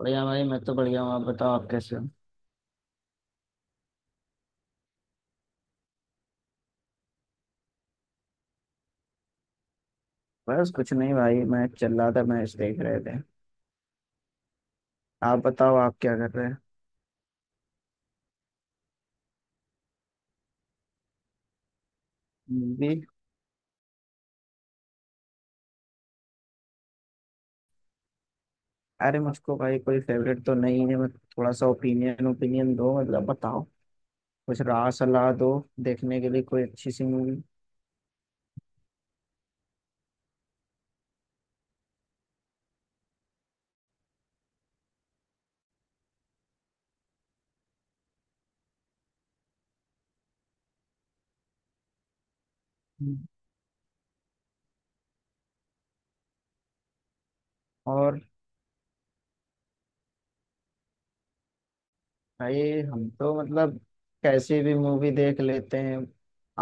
बढ़िया भाई, मैं तो बढ़िया हूँ। आप बताओ, आप कैसे हो? बस कुछ नहीं भाई, मैं चल रहा था, मैच देख रहे थे। आप बताओ, आप क्या कर रहे हैं? मूवी? अरे मुझको भाई कोई फेवरेट तो नहीं है। मैं थोड़ा सा ओपिनियन ओपिनियन दो, मतलब बताओ, कुछ राय सलाह दो देखने के लिए कोई अच्छी सी मूवी। हम्म। और भाई, हम तो मतलब कैसे भी मूवी देख लेते हैं।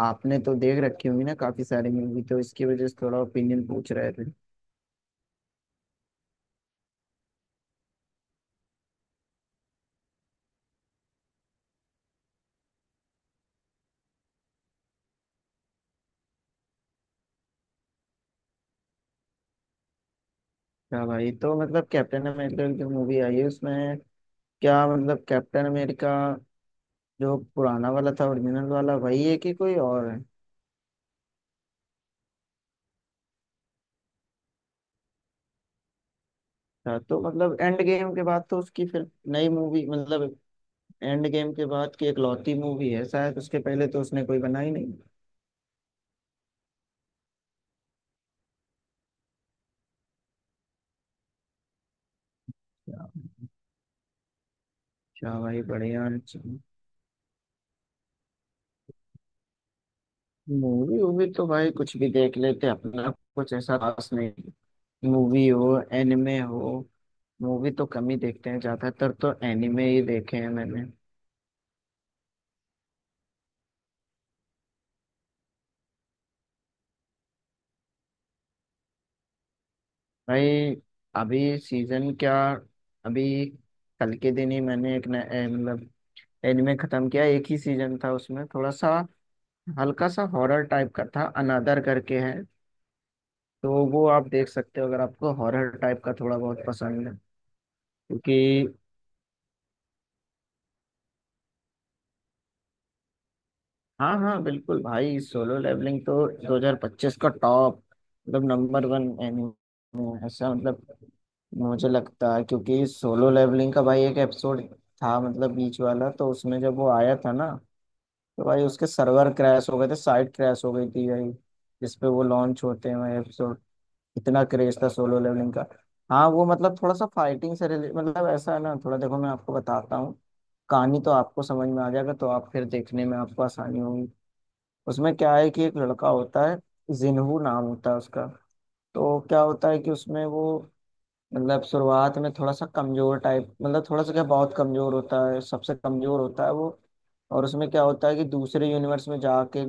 आपने तो देख रखी होंगी ना काफी सारी मूवी, तो इसकी वजह से थोड़ा ओपिनियन पूछ रहे थे। क्या भाई, तो मतलब कैप्टन अमेरिका की मूवी आई है उसमें? क्या मतलब कैप्टन अमेरिका जो पुराना वाला था, ओरिजिनल वाला वही है कि कोई और है? अच्छा, तो मतलब एंड गेम के बाद तो उसकी फिर नई मूवी, मतलब एंड गेम के बाद की इकलौती मूवी है शायद, उसके पहले तो उसने कोई बनाई नहीं। अच्छा। भाई बढ़िया। मूवी वूवी तो भाई कुछ भी देख लेते अपना, कुछ ऐसा खास नहीं। मूवी हो, एनिमे हो। मूवी तो कम ही देखते हैं, ज्यादातर तो एनिमे ही देखे हैं मैंने। भाई अभी सीजन क्या, अभी कल के दिन ही मैंने एक नया- ए, मतलब एनिमे खत्म किया। एक ही सीजन था उसमें, थोड़ा सा हल्का सा हॉरर टाइप का था, अनादर करके है। तो वो आप देख सकते हो अगर आपको हॉरर टाइप का थोड़ा बहुत पसंद है क्योंकि। हाँ हाँ, बिल्कुल भाई। सोलो लेवलिंग तो 2025 का टॉप, मतलब नंबर वन एनिमे ऐसा, मतलब मुझे लगता है। क्योंकि सोलो लेवलिंग का भाई एक एपिसोड था, मतलब बीच वाला, तो उसमें जब वो आया था ना, तो भाई उसके सर्वर क्रैश हो गए थे, साइट क्रैश हो गई थी भाई जिसपे वो लॉन्च होते हैं भाई एपिसोड। इतना क्रेज था सोलो लेवलिंग का। हाँ वो मतलब थोड़ा सा फाइटिंग से रिले मतलब ऐसा है ना। थोड़ा देखो, मैं आपको बताता हूँ कहानी, तो आपको समझ में आ जाएगा, तो आप फिर देखने में आपको आसानी होगी। उसमें क्या है कि एक लड़का होता है, जिन्हू नाम होता है उसका। तो क्या होता है कि उसमें वो मतलब शुरुआत में थोड़ा सा कमजोर टाइप, मतलब थोड़ा सा क्या, बहुत कमजोर होता है, सबसे कमजोर होता है वो। और उसमें क्या होता है कि दूसरे यूनिवर्स में जाके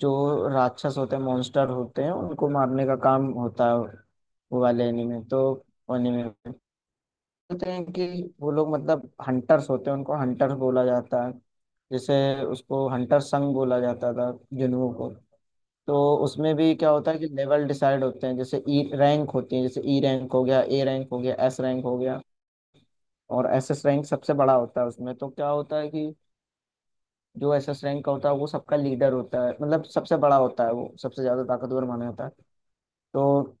जो राक्षस होते हैं, मॉन्स्टर होते हैं, उनको मारने का काम होता है। वो वाले एनीमे, तो एनीमे में बोलते हैं कि वो लोग मतलब हंटर्स होते हैं, उनको हंटर्स बोला जाता है। जैसे उसको हंटर संग बोला जाता था, जुनू को। तो उसमें भी क्या होता है कि लेवल डिसाइड होते हैं, जैसे ई रैंक होती है, जैसे ई रैंक हो गया, ए रैंक हो गया, एस रैंक हो गया। और एस एस रैंक सबसे बड़ा होता है उसमें। तो क्या होता है कि जो एस एस रैंक का होता है वो सबका लीडर होता है, मतलब सबसे बड़ा होता है, वो सबसे ज्यादा ताकतवर माना जाता है। तो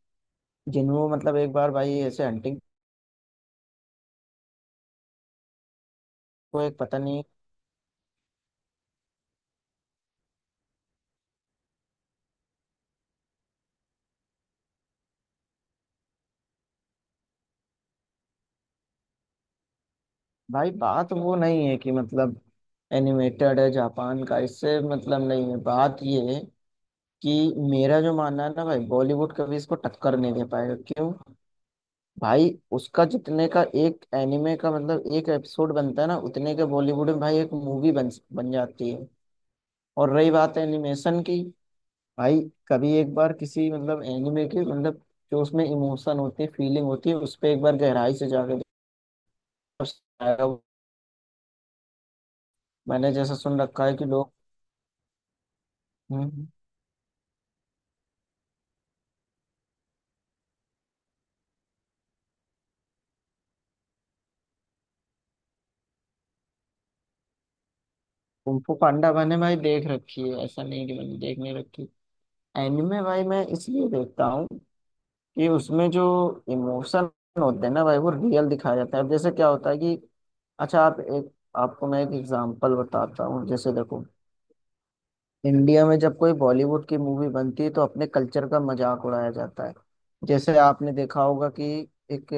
जिन्हों मतलब एक बार भाई ऐसे हंटिंग को एक पता नहीं। भाई बात वो नहीं है कि मतलब एनिमेटेड है जापान का, इससे मतलब नहीं है। बात ये है कि मेरा जो मानना है ना भाई, बॉलीवुड कभी इसको टक्कर नहीं दे पाएगा। क्यों? भाई उसका जितने का एक एनिमे का मतलब एक एपिसोड बनता है ना, उतने के बॉलीवुड में भाई एक मूवी बन बन जाती है। और रही बात एनिमेशन की, भाई कभी एक बार किसी मतलब एनिमे के मतलब जो उसमें इमोशन होती है, फीलिंग होती है, उस पर एक बार गहराई से जाके देखो, उससे आएगा वो। मैंने जैसा सुन रखा है कि लोग हम्म, कुंफू पांडा मैंने भाई देख रखी है, ऐसा नहीं कि मैंने देख नहीं रखी। एनिमे भाई मैं इसलिए देखता हूँ कि उसमें जो इमोशन होते हैं ना भाई, वो रियल दिखाया जाता है। अब जैसे क्या होता है कि अच्छा, आप एक, आपको मैं एक एग्जांपल बताता हूँ। जैसे देखो, इंडिया में जब कोई बॉलीवुड की मूवी बनती है तो अपने कल्चर का मजाक उड़ाया जाता है। जैसे आपने देखा होगा कि एक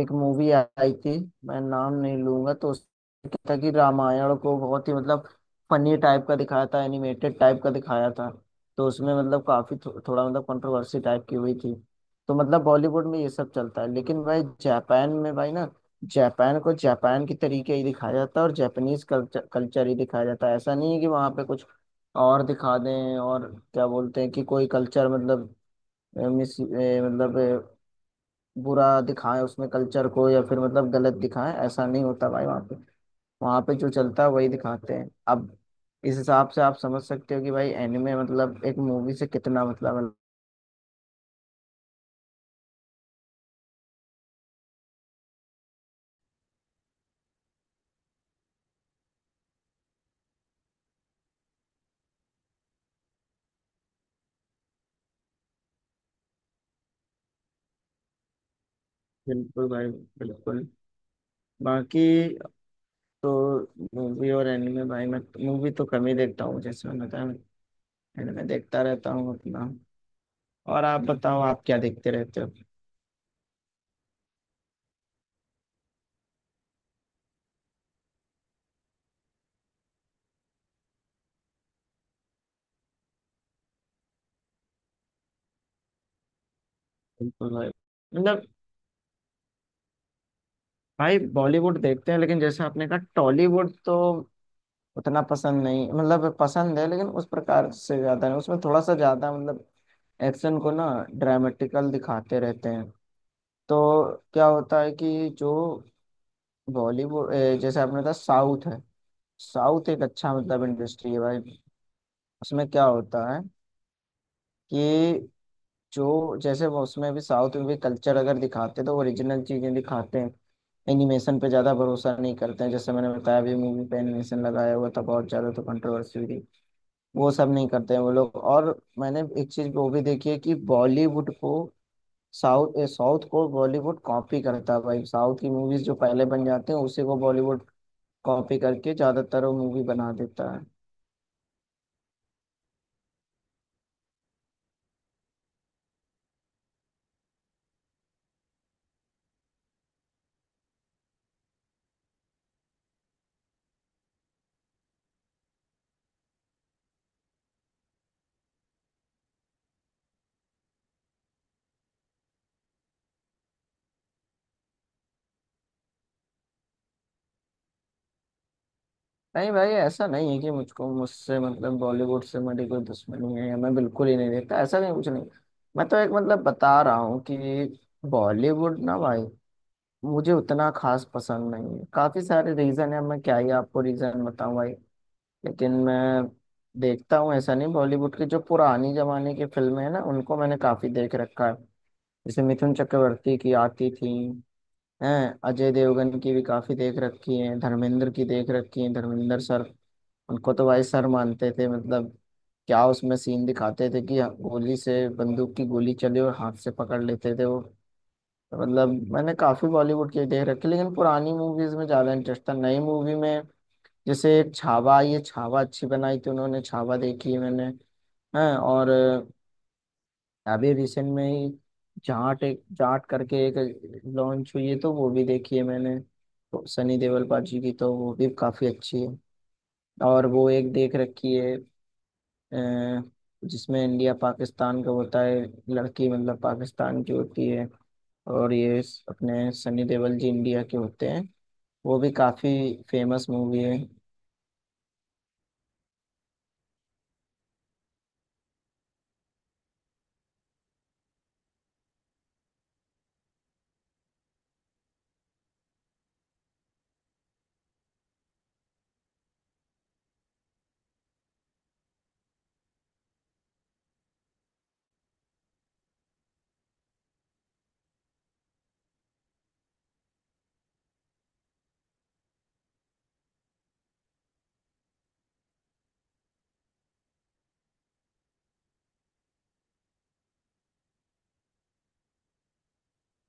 एक मूवी आई थी, मैं नाम नहीं लूंगा, तो उसमें क्या था कि रामायण को बहुत ही मतलब फनी टाइप का दिखाया था, एनिमेटेड टाइप का दिखाया था। तो उसमें मतलब काफी थोड़ा मतलब कंट्रोवर्सी टाइप की हुई थी। तो मतलब बॉलीवुड में ये सब चलता है, लेकिन भाई जापान में भाई ना, जापान को जापान के तरीके ही दिखाया जाता है, और जापानीज कल्चर कल्चर ही दिखाया जाता है। ऐसा नहीं है कि वहाँ पे कुछ और दिखा दें, और क्या बोलते हैं कि कोई कल्चर मतलब मिस मतलब बुरा दिखाएं उसमें, कल्चर को या फिर मतलब गलत दिखाएं, ऐसा नहीं होता भाई वहाँ पे। वहाँ पे जो चलता है वही दिखाते हैं। अब इस हिसाब से आप समझ सकते हो कि भाई एनिमे मतलब एक मूवी से कितना मतलब है। बिल्कुल भाई, बिल्कुल। बाकी तो मूवी और एनिमे भाई, मैं मूवी तो कम ही देखता हूँ, जैसे मैंने बताया। एनिमे देखता रहता हूँ अपना। और आप बताओ, आप क्या देखते रहते हो? बिल्कुल भाई, मतलब भाई बॉलीवुड देखते हैं, लेकिन जैसे आपने कहा टॉलीवुड तो उतना पसंद नहीं, मतलब पसंद है लेकिन उस प्रकार से ज्यादा नहीं। उसमें थोड़ा सा ज्यादा मतलब एक्शन को ना ड्रामेटिकल दिखाते रहते हैं। तो क्या होता है कि जो बॉलीवुड जैसे आपने कहा साउथ है, साउथ एक अच्छा मतलब इंडस्ट्री है भाई। उसमें क्या होता है कि जो जैसे वो उसमें भी साउथ में भी कल्चर अगर दिखाते हैं तो ओरिजिनल चीजें दिखाते हैं। एनिमेशन पे ज्यादा भरोसा नहीं करते हैं, जैसे मैंने बताया अभी मूवी पे एनिमेशन लगाया हुआ था बहुत ज्यादा तो कंट्रोवर्सी हुई थी। वो सब नहीं करते हैं वो लोग। और मैंने एक चीज वो भी देखी है कि बॉलीवुड को साउथ साउथ को बॉलीवुड कॉपी करता है भाई। साउथ की मूवीज जो पहले बन जाते हैं उसी को बॉलीवुड कॉपी करके ज्यादातर वो मूवी बना देता है। नहीं भाई, ऐसा नहीं है कि मुझको मुझसे मतलब बॉलीवुड से मेरी कोई दुश्मनी है या मैं बिल्कुल ही नहीं देखता, ऐसा नहीं, कुछ नहीं। मैं तो एक मतलब बता रहा हूँ कि बॉलीवुड ना भाई मुझे उतना खास पसंद नहीं है। काफी सारे रीजन है, मैं क्या ही आपको रीजन बताऊं भाई। लेकिन मैं देखता हूँ, ऐसा नहीं। बॉलीवुड की जो पुरानी जमाने की फिल्में हैं ना, उनको मैंने काफी देख रखा है। जैसे मिथुन चक्रवर्ती की आती थी, हैं, अजय देवगन की भी काफी देख रखी है, धर्मेंद्र की देख रखी है, धर्मेंद्र सर, उनको तो भाई सर मानते थे, मतलब क्या उसमें सीन दिखाते थे कि गोली से बंदूक की गोली चले और हाथ से पकड़ लेते थे वो। तो मतलब मैंने काफी बॉलीवुड की देख रखी लेकिन पुरानी मूवीज में ज्यादा इंटरेस्ट था, नई मूवी में जैसे छावा, ये छावा अच्छी बनाई थी उन्होंने, छावा देखी है मैंने। हैं और अभी रिसेंट में ही जाट, एक जाट करके एक लॉन्च हुई है, तो वो भी देखी है मैंने, तो सनी देओल पाजी की, तो वो भी काफी अच्छी है। और वो एक देख रखी है अ, जिसमें इंडिया पाकिस्तान का होता है, लड़की मतलब पाकिस्तान की होती है और ये अपने सनी देओल जी इंडिया के होते हैं। वो भी काफी फेमस मूवी है।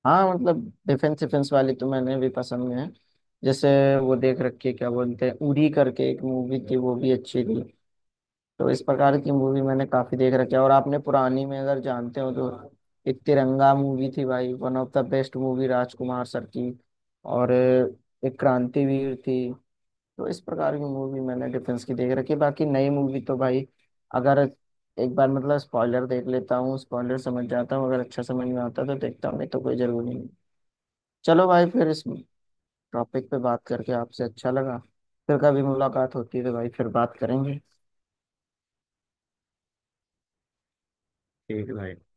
हाँ मतलब डिफेंस डिफेंस वाली तो मैंने भी पसंद में है। जैसे वो देख रखी है, क्या बोलते हैं, उरी करके एक मूवी थी, वो भी अच्छी थी। तो इस प्रकार की मूवी मैंने काफी देख रखी है। और आपने पुरानी में अगर जानते हो तो एक तिरंगा मूवी थी भाई, one of the best movie, Rajkumar sir की। और एक क्रांतिवीर थी। तो इस प्रकार की मूवी मैंने डिफेंस की देख रखी है। बाकी नई मूवी तो भाई अगर एक बार मतलब स्पॉइलर देख लेता हूँ, स्पॉइलर समझ जाता हूँ, अगर अच्छा समझ में आता है तो देखता हूँ, नहीं तो कोई जरूरी नहीं। चलो भाई, फिर इस टॉपिक पे बात करके आपसे अच्छा लगा। फिर कभी मुलाकात होती है तो भाई फिर बात करेंगे। ठीक है भाई।